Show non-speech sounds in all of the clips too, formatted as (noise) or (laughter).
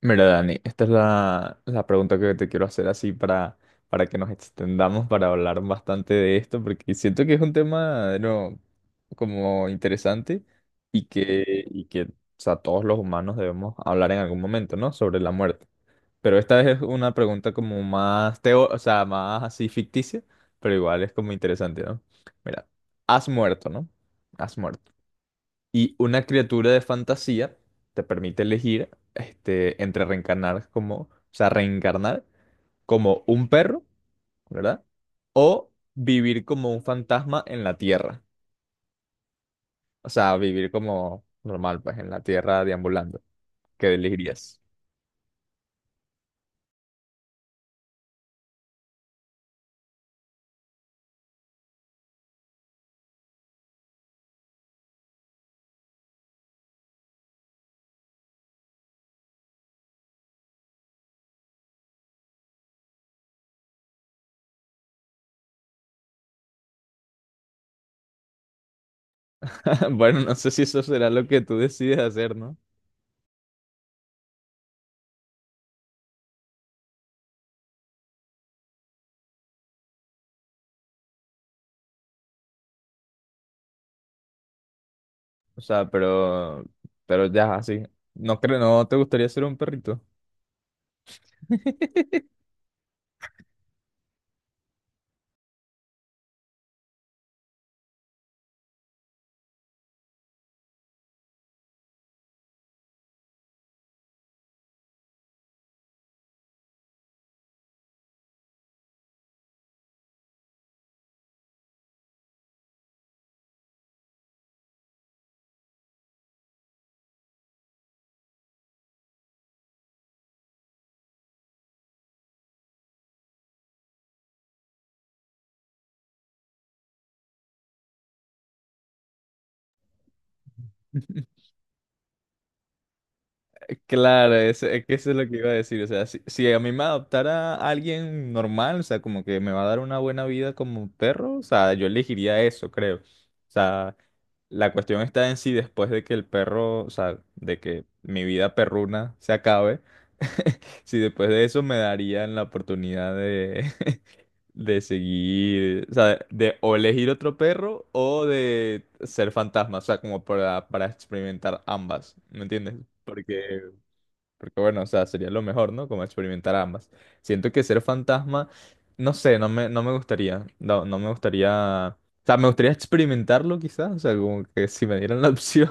Mira, Dani, esta es la pregunta que te quiero hacer así para que nos extendamos, para hablar bastante de esto, porque siento que es un tema, no, como interesante o sea, todos los humanos debemos hablar en algún momento, ¿no? Sobre la muerte. Pero esta es una pregunta como más teo, o sea, más así ficticia, pero igual es como interesante, ¿no? Mira, has muerto, ¿no? Has muerto. Y una criatura de fantasía te permite elegir entre reencarnar como, o sea, reencarnar como un perro, ¿verdad? O vivir como un fantasma en la tierra. O sea, vivir como normal, pues en la tierra deambulando. ¿Qué elegirías? (laughs) Bueno, no sé si eso será lo que tú decides hacer, ¿no? O sea, pero ya, así. No creo, no te gustaría ser un perrito. (laughs) Claro, eso, es que eso es lo que iba a decir. O sea, si a mí me adoptara alguien normal, o sea, como que me va a dar una buena vida como un perro, o sea, yo elegiría eso, creo. O sea, la cuestión está en si después de que el perro, o sea, de que mi vida perruna se acabe, (laughs) si después de eso me darían la oportunidad de, (laughs) de seguir, o sea, de o elegir otro perro o de ser fantasma, o sea, como para experimentar ambas, ¿me entiendes? Porque bueno, o sea, sería lo mejor, ¿no? Como experimentar ambas. Siento que ser fantasma, no sé, no me gustaría. No, no me gustaría. O sea, me gustaría experimentarlo quizás. O sea, como que si me dieran la (laughs) opción.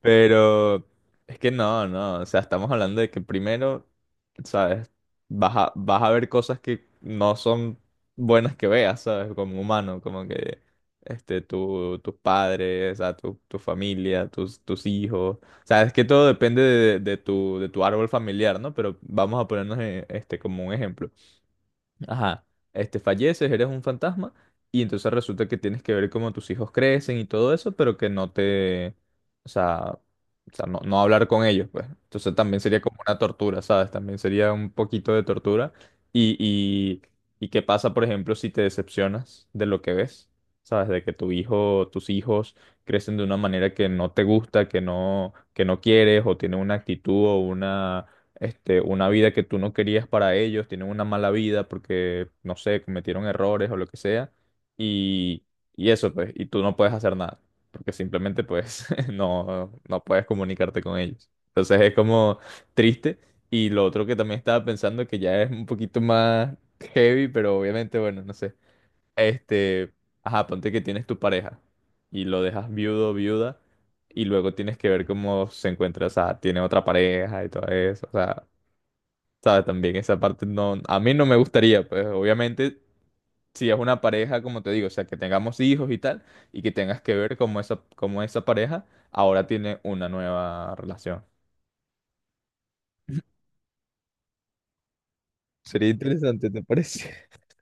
Pero es que no, no, o sea, estamos hablando de que primero, ¿sabes? Vas a ver cosas que no son buenas que veas, ¿sabes? Como humano, como que tus padres, o sea, tu familia, tus hijos. O sea, es que todo depende de de tu árbol familiar, ¿no? Pero vamos a ponernos como un ejemplo. Ajá, falleces, eres un fantasma y entonces resulta que tienes que ver cómo tus hijos crecen y todo eso, pero que no te, o sea, o sea, no, no hablar con ellos, pues. Entonces también sería como una tortura, ¿sabes? También sería un poquito de tortura. Y, y, y qué pasa, por ejemplo, si te decepcionas de lo que ves, ¿sabes? De que tu hijo, tus hijos crecen de una manera que no te gusta, que no quieres, o tienen una actitud o una vida que tú no querías para ellos, tienen una mala vida porque, no sé, cometieron errores o lo que sea, y, y eso, pues, y tú no puedes hacer nada, porque simplemente, pues, (laughs) no, no puedes comunicarte con ellos. Entonces es como triste, y lo otro que también estaba pensando, que ya es un poquito más heavy, pero obviamente, bueno, no sé, este, ajá, ponte que tienes tu pareja, y lo dejas viudo o viuda, y luego tienes que ver cómo se encuentra, o sea, tiene otra pareja y todo eso, o sea, ¿sabes? También esa parte no, a mí no me gustaría, pues obviamente si es una pareja, como te digo, o sea, que tengamos hijos y tal, y que tengas que ver cómo esa pareja ahora tiene una nueva relación. Sería interesante, ¿te parece? (laughs)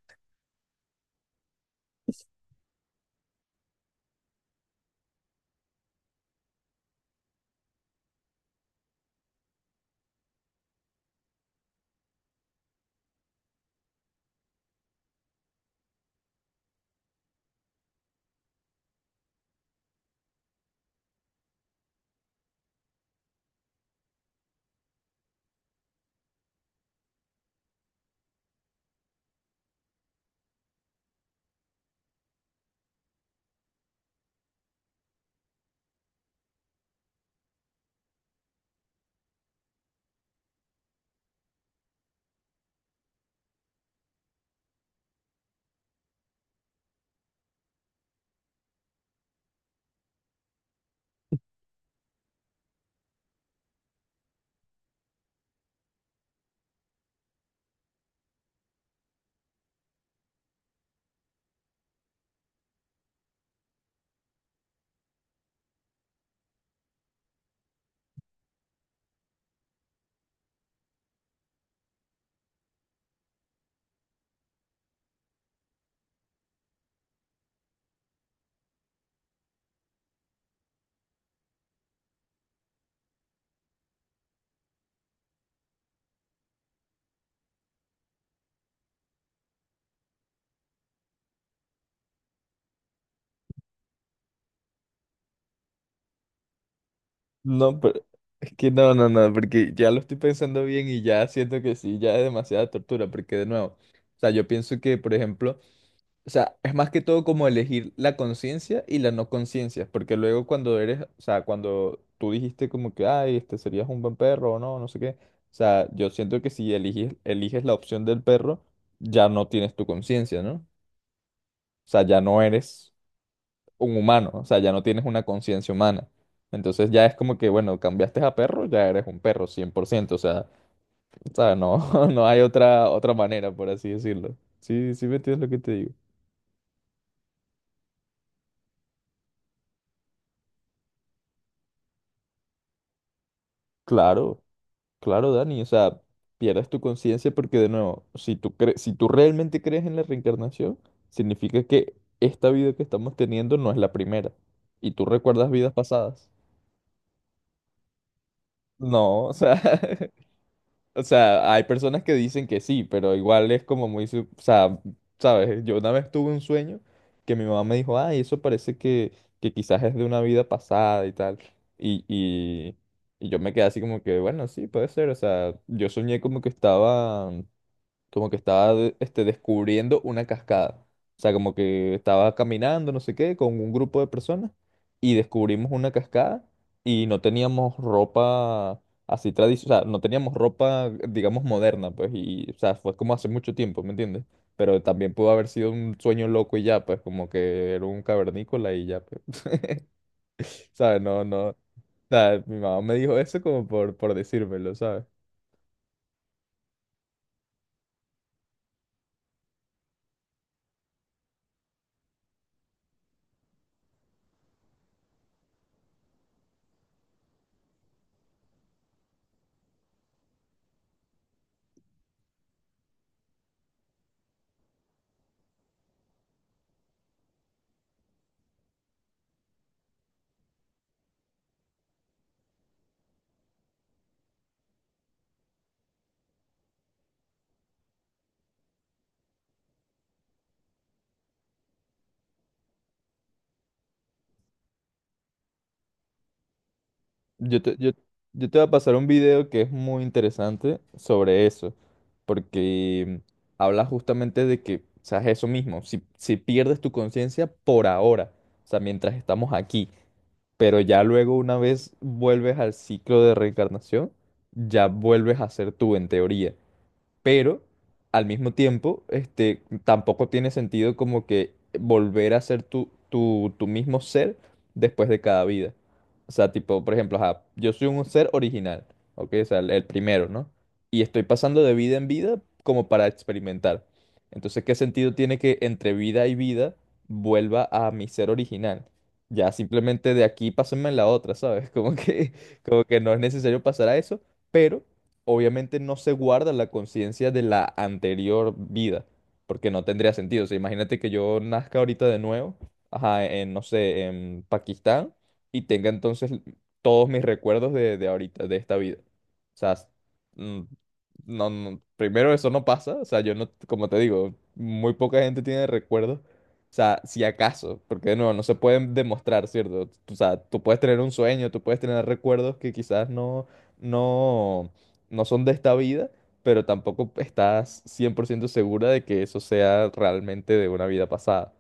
No, pero es que no, porque ya lo estoy pensando bien y ya siento que sí, ya es demasiada tortura, porque de nuevo, o sea, yo pienso que, por ejemplo, o sea, es más que todo como elegir la conciencia y la no conciencia, porque luego cuando eres, o sea, cuando tú dijiste como que, ay, este serías un buen perro o no, no sé qué, o sea, yo siento que si eliges, eliges la opción del perro, ya no tienes tu conciencia, ¿no? O sea, ya no eres un humano, o sea, ya no tienes una conciencia humana. Entonces ya es como que, bueno, cambiaste a perro, ya eres un perro, 100% o sea, ¿sabes? No, (laughs) no hay otra, otra manera, por así decirlo. Sí, sí me entiendes lo que te digo. Claro. Claro, Dani, o sea, pierdes tu conciencia porque de nuevo, si tú cre- si tú realmente crees en la reencarnación, significa que esta vida que estamos teniendo no es la primera y tú recuerdas vidas pasadas. No, o sea, (laughs) o sea, hay personas que dicen que sí, pero igual es como muy, sub- o sea, sabes, yo una vez tuve un sueño que mi mamá me dijo, ay, eso parece que quizás es de una vida pasada y tal, y, y, y yo me quedé así como que, bueno, sí, puede ser, o sea, yo soñé como que estaba descubriendo una cascada. O sea, como que estaba caminando, no sé qué, con un grupo de personas y descubrimos una cascada y no teníamos ropa así tradicional, o sea, no teníamos ropa, digamos, moderna, pues, y, o sea, fue como hace mucho tiempo, ¿me entiendes? Pero también pudo haber sido un sueño loco y ya, pues, como que era un cavernícola y ya, pues, (laughs) ¿sabes? No, no, o sea, mi mamá me dijo eso como por decírmelo, ¿sabes? Yo te, yo, yo te voy a pasar un video que es muy interesante sobre eso, porque habla justamente de que, o sea, es eso mismo, si pierdes tu conciencia por ahora, o sea, mientras estamos aquí, pero ya luego una vez vuelves al ciclo de reencarnación, ya vuelves a ser tú en teoría, pero al mismo tiempo, tampoco tiene sentido como que volver a ser tu mismo ser después de cada vida. O sea, tipo, por ejemplo, ajá, yo soy un ser original, ¿ok? O sea, el primero, ¿no? Y estoy pasando de vida en vida como para experimentar. Entonces, ¿qué sentido tiene que entre vida y vida vuelva a mi ser original? Ya simplemente de aquí pásenme en la otra, ¿sabes? (laughs) Como que no es necesario pasar a eso, pero obviamente no se guarda la conciencia de la anterior vida, porque no tendría sentido. O sea, imagínate que yo nazca ahorita de nuevo, ajá, en, no sé, en Pakistán, y tenga entonces todos mis recuerdos de ahorita, de esta vida. O sea, s- mm, no, no, primero eso no pasa, o sea, yo no, como te digo, muy poca gente tiene recuerdos. O sea, si acaso, porque de nuevo no se pueden demostrar, ¿cierto? O sea, tú puedes tener un sueño, tú puedes tener recuerdos que quizás no, no son de esta vida, pero tampoco estás 100% segura de que eso sea realmente de una vida pasada.